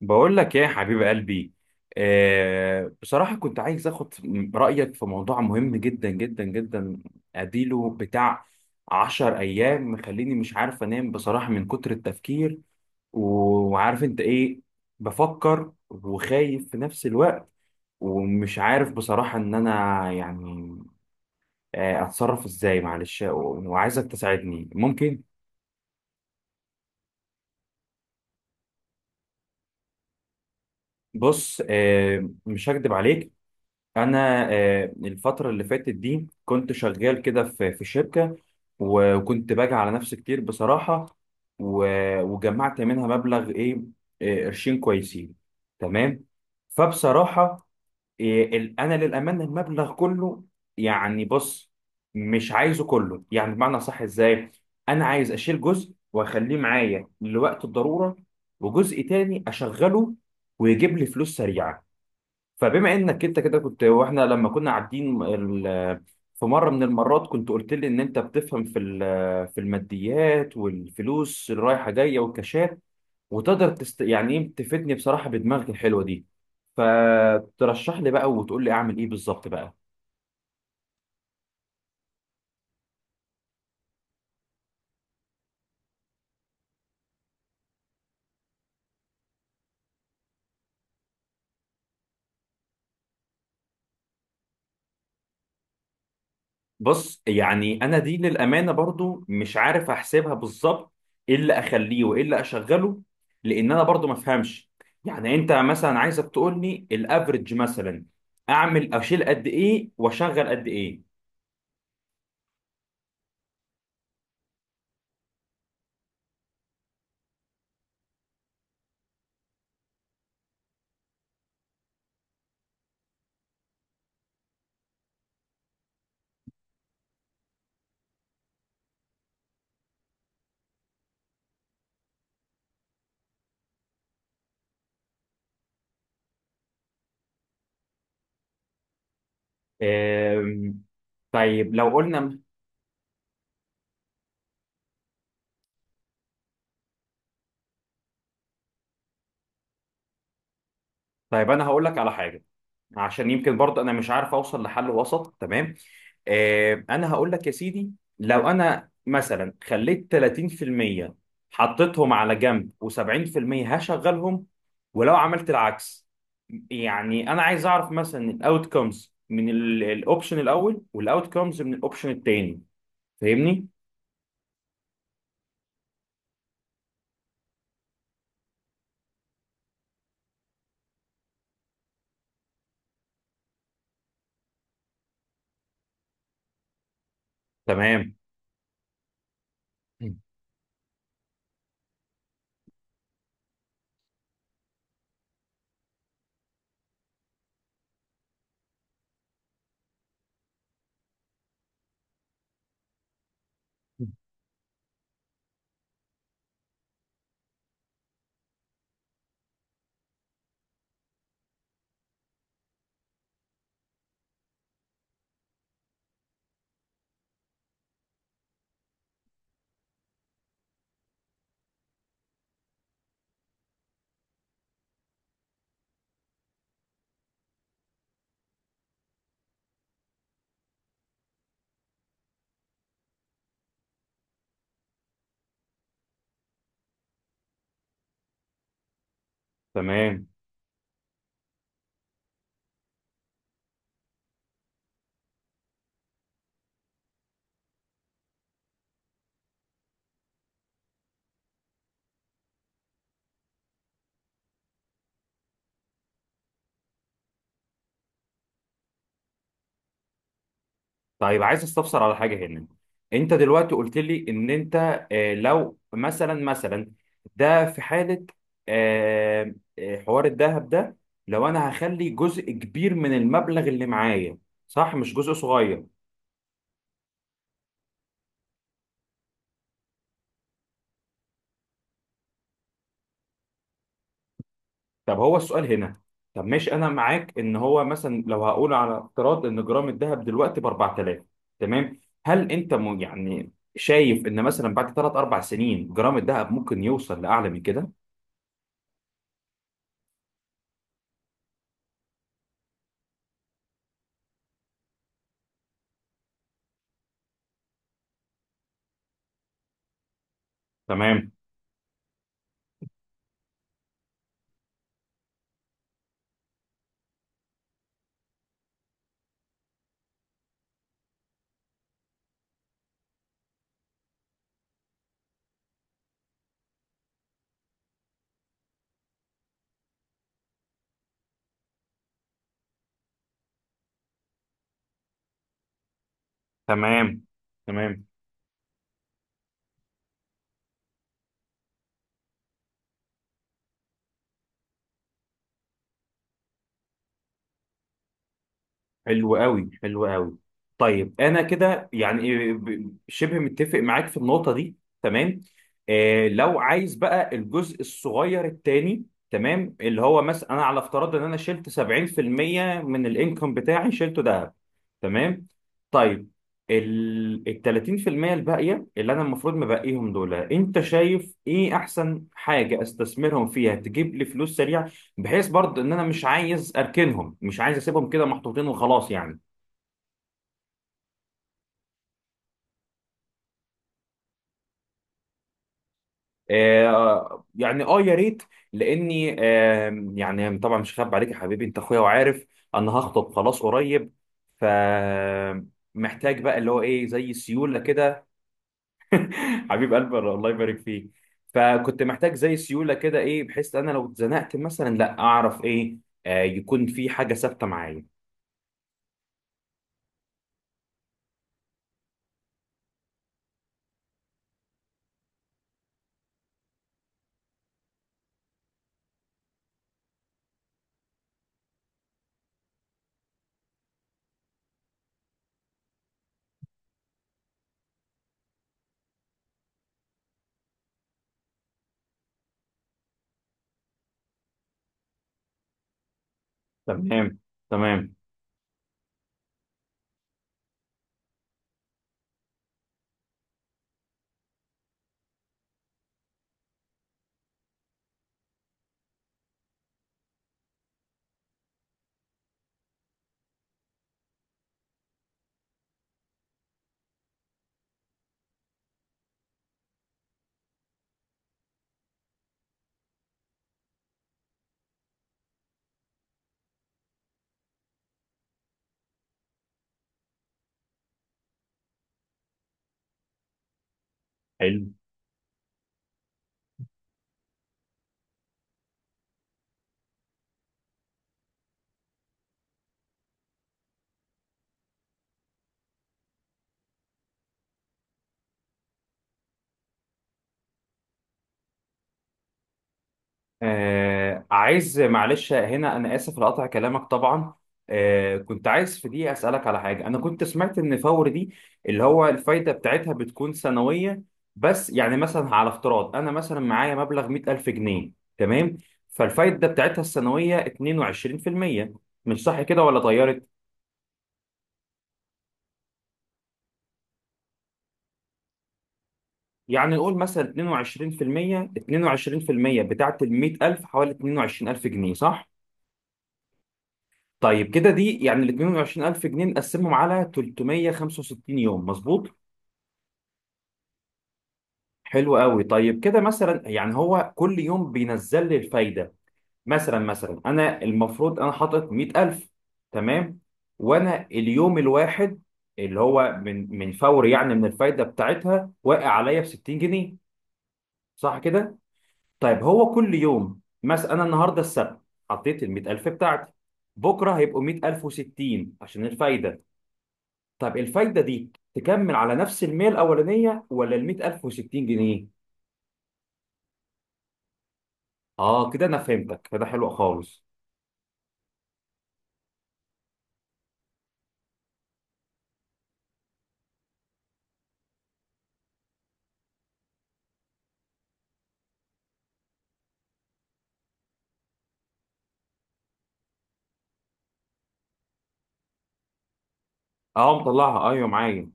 بقول لك ايه يا حبيب قلبي. آه، بصراحة كنت عايز اخد رأيك في موضوع مهم جدا جدا جدا. اديله بتاع عشر ايام مخليني مش عارف انام بصراحة من كتر التفكير. و- وعارف انت ايه، بفكر وخايف في نفس الوقت، ومش عارف بصراحة ان انا يعني اتصرف ازاي، معلش، وعايزك تساعدني ممكن. بص، مش هكدب عليك. انا الفتره اللي فاتت دي كنت شغال كده في شركه، وكنت باجي على نفسي كتير بصراحه، وجمعت منها مبلغ ايه، قرشين كويسين. تمام. فبصراحه انا للامانه المبلغ كله، يعني بص، مش عايزه كله يعني، بمعنى صح ازاي. انا عايز اشيل جزء واخليه معايا لوقت الضروره، وجزء تاني اشغله ويجيب لي فلوس سريعه. فبما انك انت كده كنت، واحنا لما كنا قاعدين في مره من المرات كنت قلت لي ان انت بتفهم في في الماديات والفلوس اللي رايحه جايه والكاشات، وتقدر يعني ايه، تفيدني بصراحه بدماغك الحلوه دي. فترشح لي بقى وتقول لي اعمل ايه بالظبط بقى. بص يعني انا دي للامانه برضو مش عارف احسبها بالظبط، ايه اللي اخليه وايه اللي اشغله، لان انا برضو ما افهمش. يعني انت مثلا، عايزك تقول لي الافريج مثلا، اعمل اشيل قد ايه واشغل قد ايه. أم، طيب لو قلنا، طيب انا هقول لك على حاجه عشان يمكن برضه انا مش عارف اوصل لحل وسط. تمام. آه، انا هقول لك يا سيدي. لو انا مثلا خليت 30% حطيتهم على جنب و70% هشغلهم، ولو عملت العكس، يعني انا عايز اعرف مثلا الاوت كومز من الاوبشن الاول والاوت كومز من الاوبشن التاني. فاهمني. تمام. تمام. طيب عايز استفسر على حاجه هنا. انت دلوقتي قلت لي ان انت، لو مثلا مثلا، ده في حاله حوار الذهب ده، لو انا هخلي جزء كبير من المبلغ اللي معايا، صح، مش جزء صغير. طب هو السؤال هنا، طب ماشي انا معاك ان هو مثلا، لو هقول على افتراض ان جرام الذهب دلوقتي ب 4000، تمام، هل انت يعني شايف ان مثلا بعد 3 4 سنين جرام الذهب ممكن يوصل لاعلى من كده؟ تمام. تمام. تمام. حلو قوي، حلو قوي. طيب انا كده يعني إيه، شبه متفق معاك في النقطه دي. تمام. آه، لو عايز بقى الجزء الصغير التاني، تمام، اللي هو مثلا انا على افتراض ان انا شلت 70% من الانكم بتاعي شلته ده. تمام. طيب ال 30% الباقيه اللي انا المفروض مبقيهم دول، انت شايف ايه احسن حاجه استثمرهم فيها تجيب لي فلوس سريعه، بحيث برضه ان انا مش عايز اركنهم، مش عايز اسيبهم كده محطوطين وخلاص يعني. آه يعني، اه، يا ريت. لاني آه يعني طبعا مش خاب عليك يا حبيبي، انت اخويا وعارف، انا هخطب خلاص قريب. ف محتاج بقى اللي هو ايه زي سيوله كده. حبيب قلبي الله يبارك فيك. فكنت محتاج زي سيوله كده ايه، بحيث انا لو اتزنقت مثلا لا اعرف ايه، آه، يكون في حاجه ثابته معايا. تمام. تمام. حلو. آه عايز، معلش هنا أنا آسف لقطع كلامك طبعا، آه كنت عايز في دي أسألك على حاجة. أنا كنت سمعت إن فور دي اللي هو الفايدة بتاعتها بتكون سنوية. بس يعني مثلا على افتراض أنا مثلا معايا مبلغ 100000 جنيه. تمام. فالفايدة بتاعتها السنوية 22%، مش صح كده ولا اتغيرت؟ يعني نقول مثلا 22%، 22% بتاعت ال 100000 حوالي 22000 جنيه، صح؟ طيب كده دي يعني ال 22000 جنيه نقسمهم على 365 يوم، مظبوط. حلو قوي. طيب كده مثلا يعني هو كل يوم بينزل لي الفايده. مثلا مثلا انا المفروض انا حاطط 100000، تمام، وانا اليوم الواحد اللي هو من فور يعني من الفايده بتاعتها واقع عليا ب 60 جنيه، صح كده؟ طيب هو كل يوم مثلا، انا النهارده السبت حطيت ال 100000 بتاعتي، بكره هيبقوا 100060 عشان الفايده. طب الفايدة دي تكمل على نفس المية الأولانية ولا ال 100000 و60 جنيه؟ اه كده أنا فهمتك، فده حلو خالص. اه مطلعها، أيوه معايا.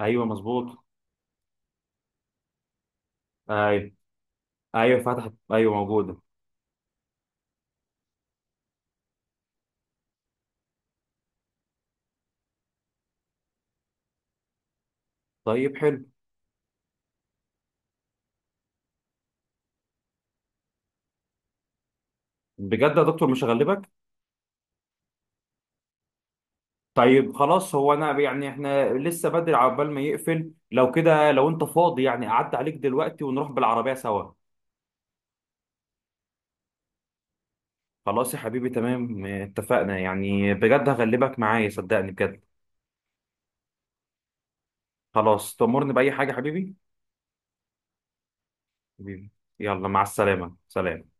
أيوه مظبوط. أيوه. أيوه فتحت، أيوه موجودة. طيب حلو. بجد يا دكتور مش هغلبك؟ طيب خلاص، هو أنا يعني إحنا لسه بدري عقبال ما يقفل، لو كده لو أنت فاضي يعني أعدي عليك دلوقتي ونروح بالعربية سوا. خلاص يا حبيبي، تمام اتفقنا، يعني بجد هغلبك معايا، صدقني بجد. خلاص، تأمرني بأي حاجة يا حبيبي؟ حبيبي. يلا مع السلامة، سلام.